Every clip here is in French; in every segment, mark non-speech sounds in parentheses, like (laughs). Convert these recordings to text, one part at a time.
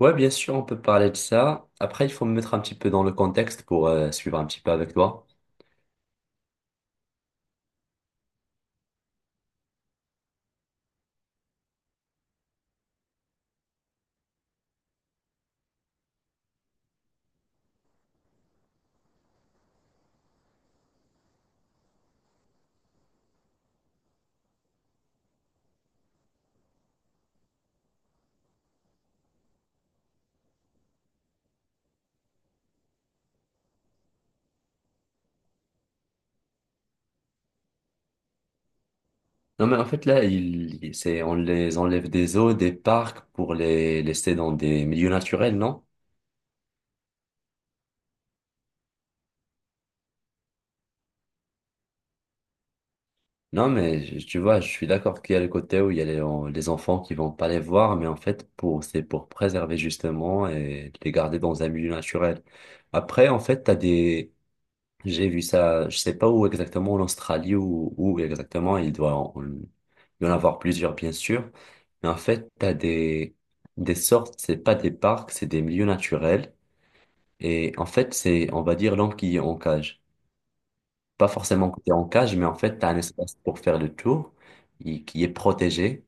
Ouais, bien sûr, on peut parler de ça. Après, il faut me mettre un petit peu dans le contexte pour suivre un petit peu avec toi. Non, mais en fait, là, c'est, on les enlève des zoos, des parcs pour les laisser dans des milieux naturels, non? Non, mais tu vois, je suis d'accord qu'il y a le côté où il y a les enfants qui vont pas les voir, mais en fait, c'est pour préserver justement et les garder dans un milieu naturel. Après, en fait, j'ai vu ça, je sais pas où exactement, en Australie ou où exactement, il doit en, il doit y en avoir plusieurs bien sûr, mais en fait, des sortes, c'est pas des parcs, c'est des milieux naturels, et en fait, c'est, on va dire, l'homme qui est en cage. Pas forcément que tu en cage, mais en fait, tu as un espace pour faire le tour, qui est protégé,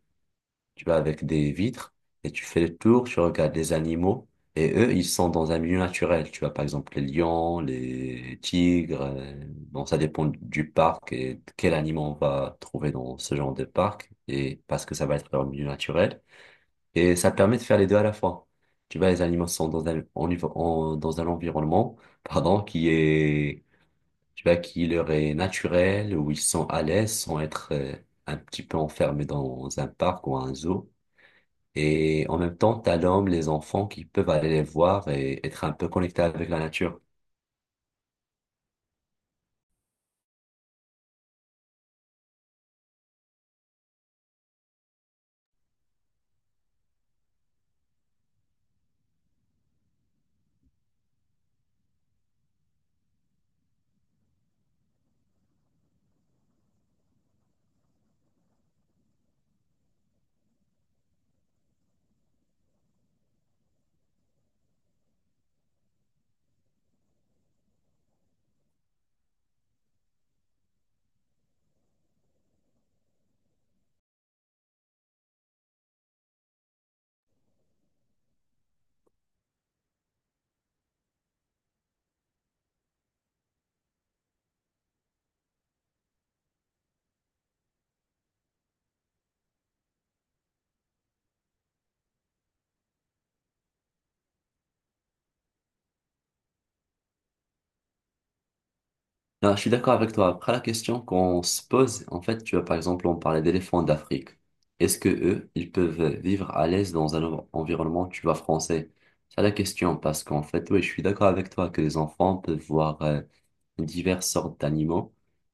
tu vas avec des vitres et tu fais le tour, tu regardes les animaux et eux, ils sont dans un milieu naturel. Tu vois, par exemple, les lions, les tigres. Bon, ça dépend du parc et de quel animal on va trouver dans ce genre de parc et parce que ça va être leur milieu naturel. Et ça permet de faire les deux à la fois. Tu vois, les animaux sont dans dans un environnement, (laughs) pardon, qui est, tu vois, qui leur est naturel, où ils sont à l'aise sans être un petit peu enfermés dans un parc ou un zoo. Et en même temps, t'as l'homme, les enfants qui peuvent aller les voir et être un peu connectés avec la nature. Non, je suis d'accord avec toi. Après, la question qu'on se pose, en fait, tu vois, par exemple, on parlait d'éléphants d'Afrique. Est-ce que eux, ils peuvent vivre à l'aise dans un environnement, tu vois, français? C'est la question, parce qu'en fait, oui, je suis d'accord avec toi que les enfants peuvent voir diverses sortes d'animaux,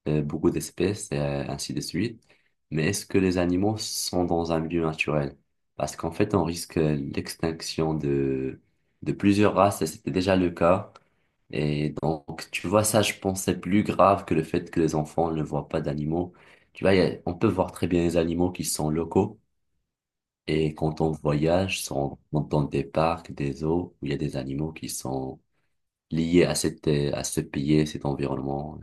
beaucoup d'espèces, et ainsi de suite. Mais est-ce que les animaux sont dans un milieu naturel? Parce qu'en fait, on risque l'extinction de plusieurs races, et c'était déjà le cas. Et donc, tu vois, ça, je pense, c'est plus grave que le fait que les enfants ne voient pas d'animaux. Tu vois, on peut voir très bien les animaux qui sont locaux. Et quand on voyage, si on rentre dans des parcs, des eaux, où il y a des animaux qui sont liés à à ce pays, cet environnement.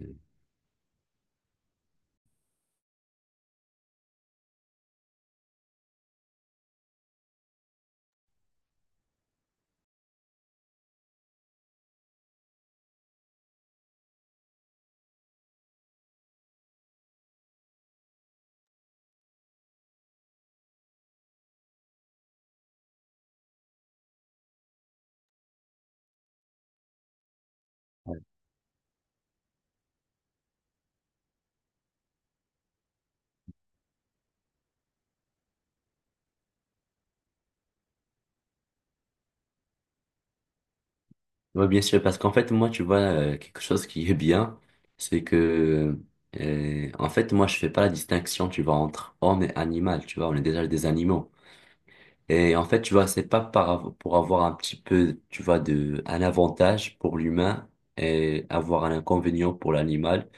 Oui, bien sûr, parce qu'en fait, moi, tu vois, quelque chose qui est bien, c'est que, en fait, moi, je fais pas la distinction, tu vois, entre homme et animal, tu vois, on est déjà des animaux. Et en fait, tu vois, c'est pas pour avoir un petit peu, tu vois, un avantage pour l'humain et avoir un inconvénient pour l'animal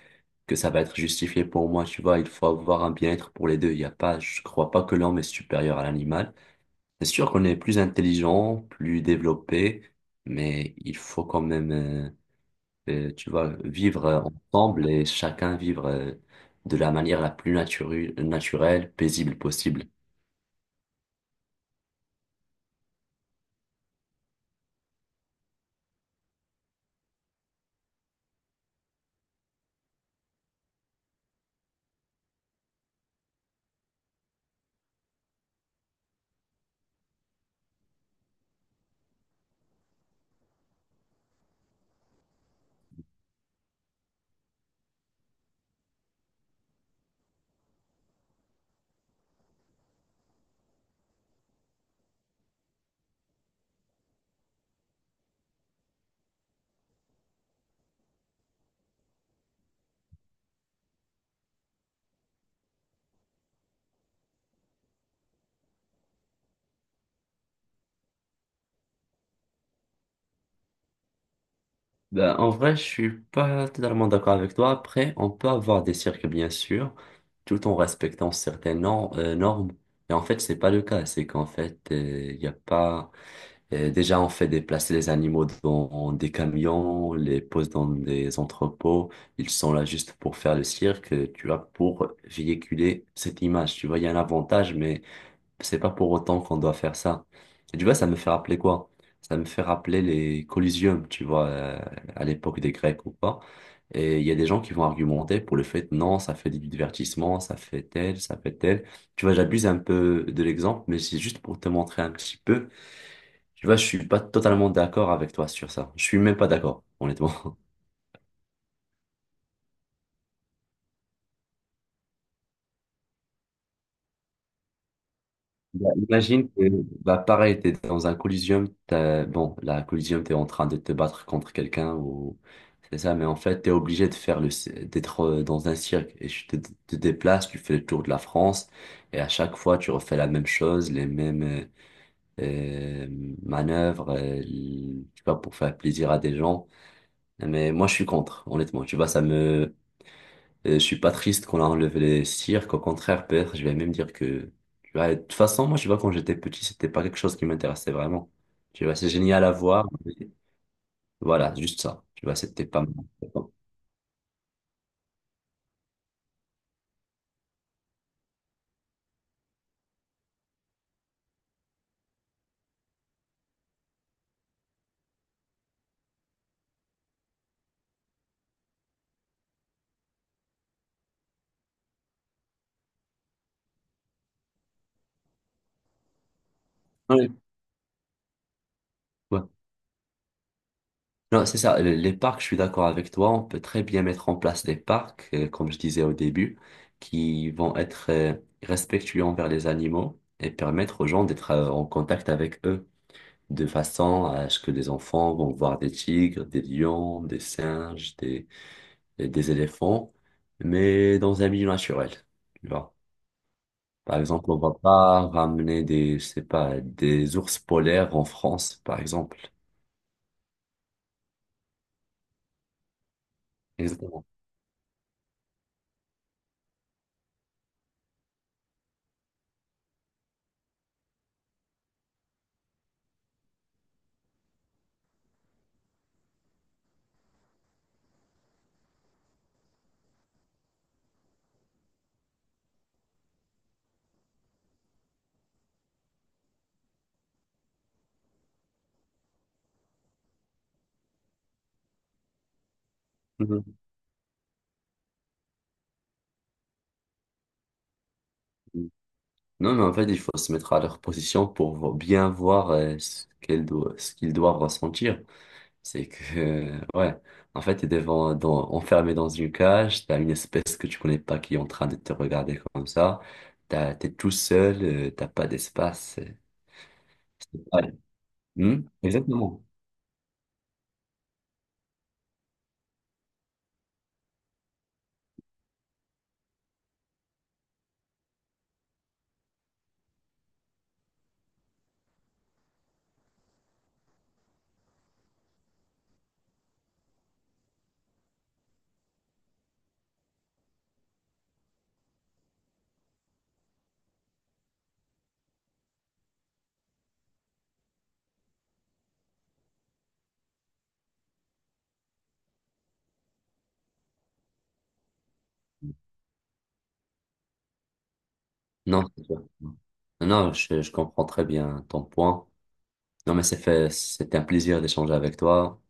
que ça va être justifié pour moi, tu vois. Il faut avoir un bien-être pour les deux. Il y a pas, je crois pas que l'homme est supérieur à l'animal. C'est sûr qu'on est plus intelligent, plus développé, mais il faut quand même, tu vois, vivre ensemble et chacun vivre, de la manière la plus naturelle, paisible possible. Ben, en vrai, je suis pas totalement d'accord avec toi. Après, on peut avoir des cirques, bien sûr, tout en respectant certaines normes. Et en fait, c'est pas le cas. C'est qu'en fait, il y a pas. Déjà, on fait déplacer les animaux dans des camions, on les pose dans des entrepôts. Ils sont là juste pour faire le cirque, tu vois, pour véhiculer cette image. Tu vois, il y a un avantage, mais c'est pas pour autant qu'on doit faire ça. Et tu vois, ça me fait rappeler quoi? Ça me fait rappeler les collisions, tu vois, à l'époque des Grecs ou pas. Et il y a des gens qui vont argumenter pour le fait, non, ça fait du divertissement, ça fait tel, ça fait tel. Tu vois, j'abuse un peu de l'exemple, mais c'est juste pour te montrer un petit peu. Tu vois, je suis pas totalement d'accord avec toi sur ça. Je suis même pas d'accord, honnêtement. Bah, imagine que, bah, pareil, t'es dans un collisium, bon, la collisium, t'es en train de te battre contre quelqu'un ou, c'est ça, mais en fait, t'es obligé de faire d'être dans un cirque et te déplaces, tu fais le tour de la France et à chaque fois, tu refais la même chose, les mêmes euh, manœuvres, tu vois, pour faire plaisir à des gens. Mais moi, je suis contre, honnêtement, tu vois, je suis pas triste qu'on a enlevé les cirques, au contraire, peut-être, je vais même dire que, tu vois, de toute façon, moi, je vois, quand j'étais petit, c'était pas quelque chose qui m'intéressait vraiment. Tu vois, c'est génial à voir, mais voilà, juste ça. Tu vois, c'était pas mal. Ouais. Ouais. Non, c'est ça, les parcs, je suis d'accord avec toi, on peut très bien mettre en place des parcs, comme je disais au début, qui vont être respectueux envers les animaux et permettre aux gens d'être en contact avec eux. De façon à ce que les enfants vont voir des tigres, des lions, des singes, des éléphants, mais dans un milieu naturel, tu vois. Par exemple, on va pas ramener je sais pas, des ours polaires en France, par exemple. Exactement. Mhm. Non, mais en fait, il faut se mettre à leur position pour bien voir ce ce qu'ils doivent ressentir. C'est que, (laughs) ouais, en fait, enfermé dans une cage, t'as une espèce que tu connais pas qui est en train de te regarder comme ça, t'es tout seul, t'as pas d'espace. Ouais. Hmm, exactement. Non, c'est ça. Non, non, je comprends très bien ton point. Non, mais c'est fait, c'était un plaisir d'échanger avec toi.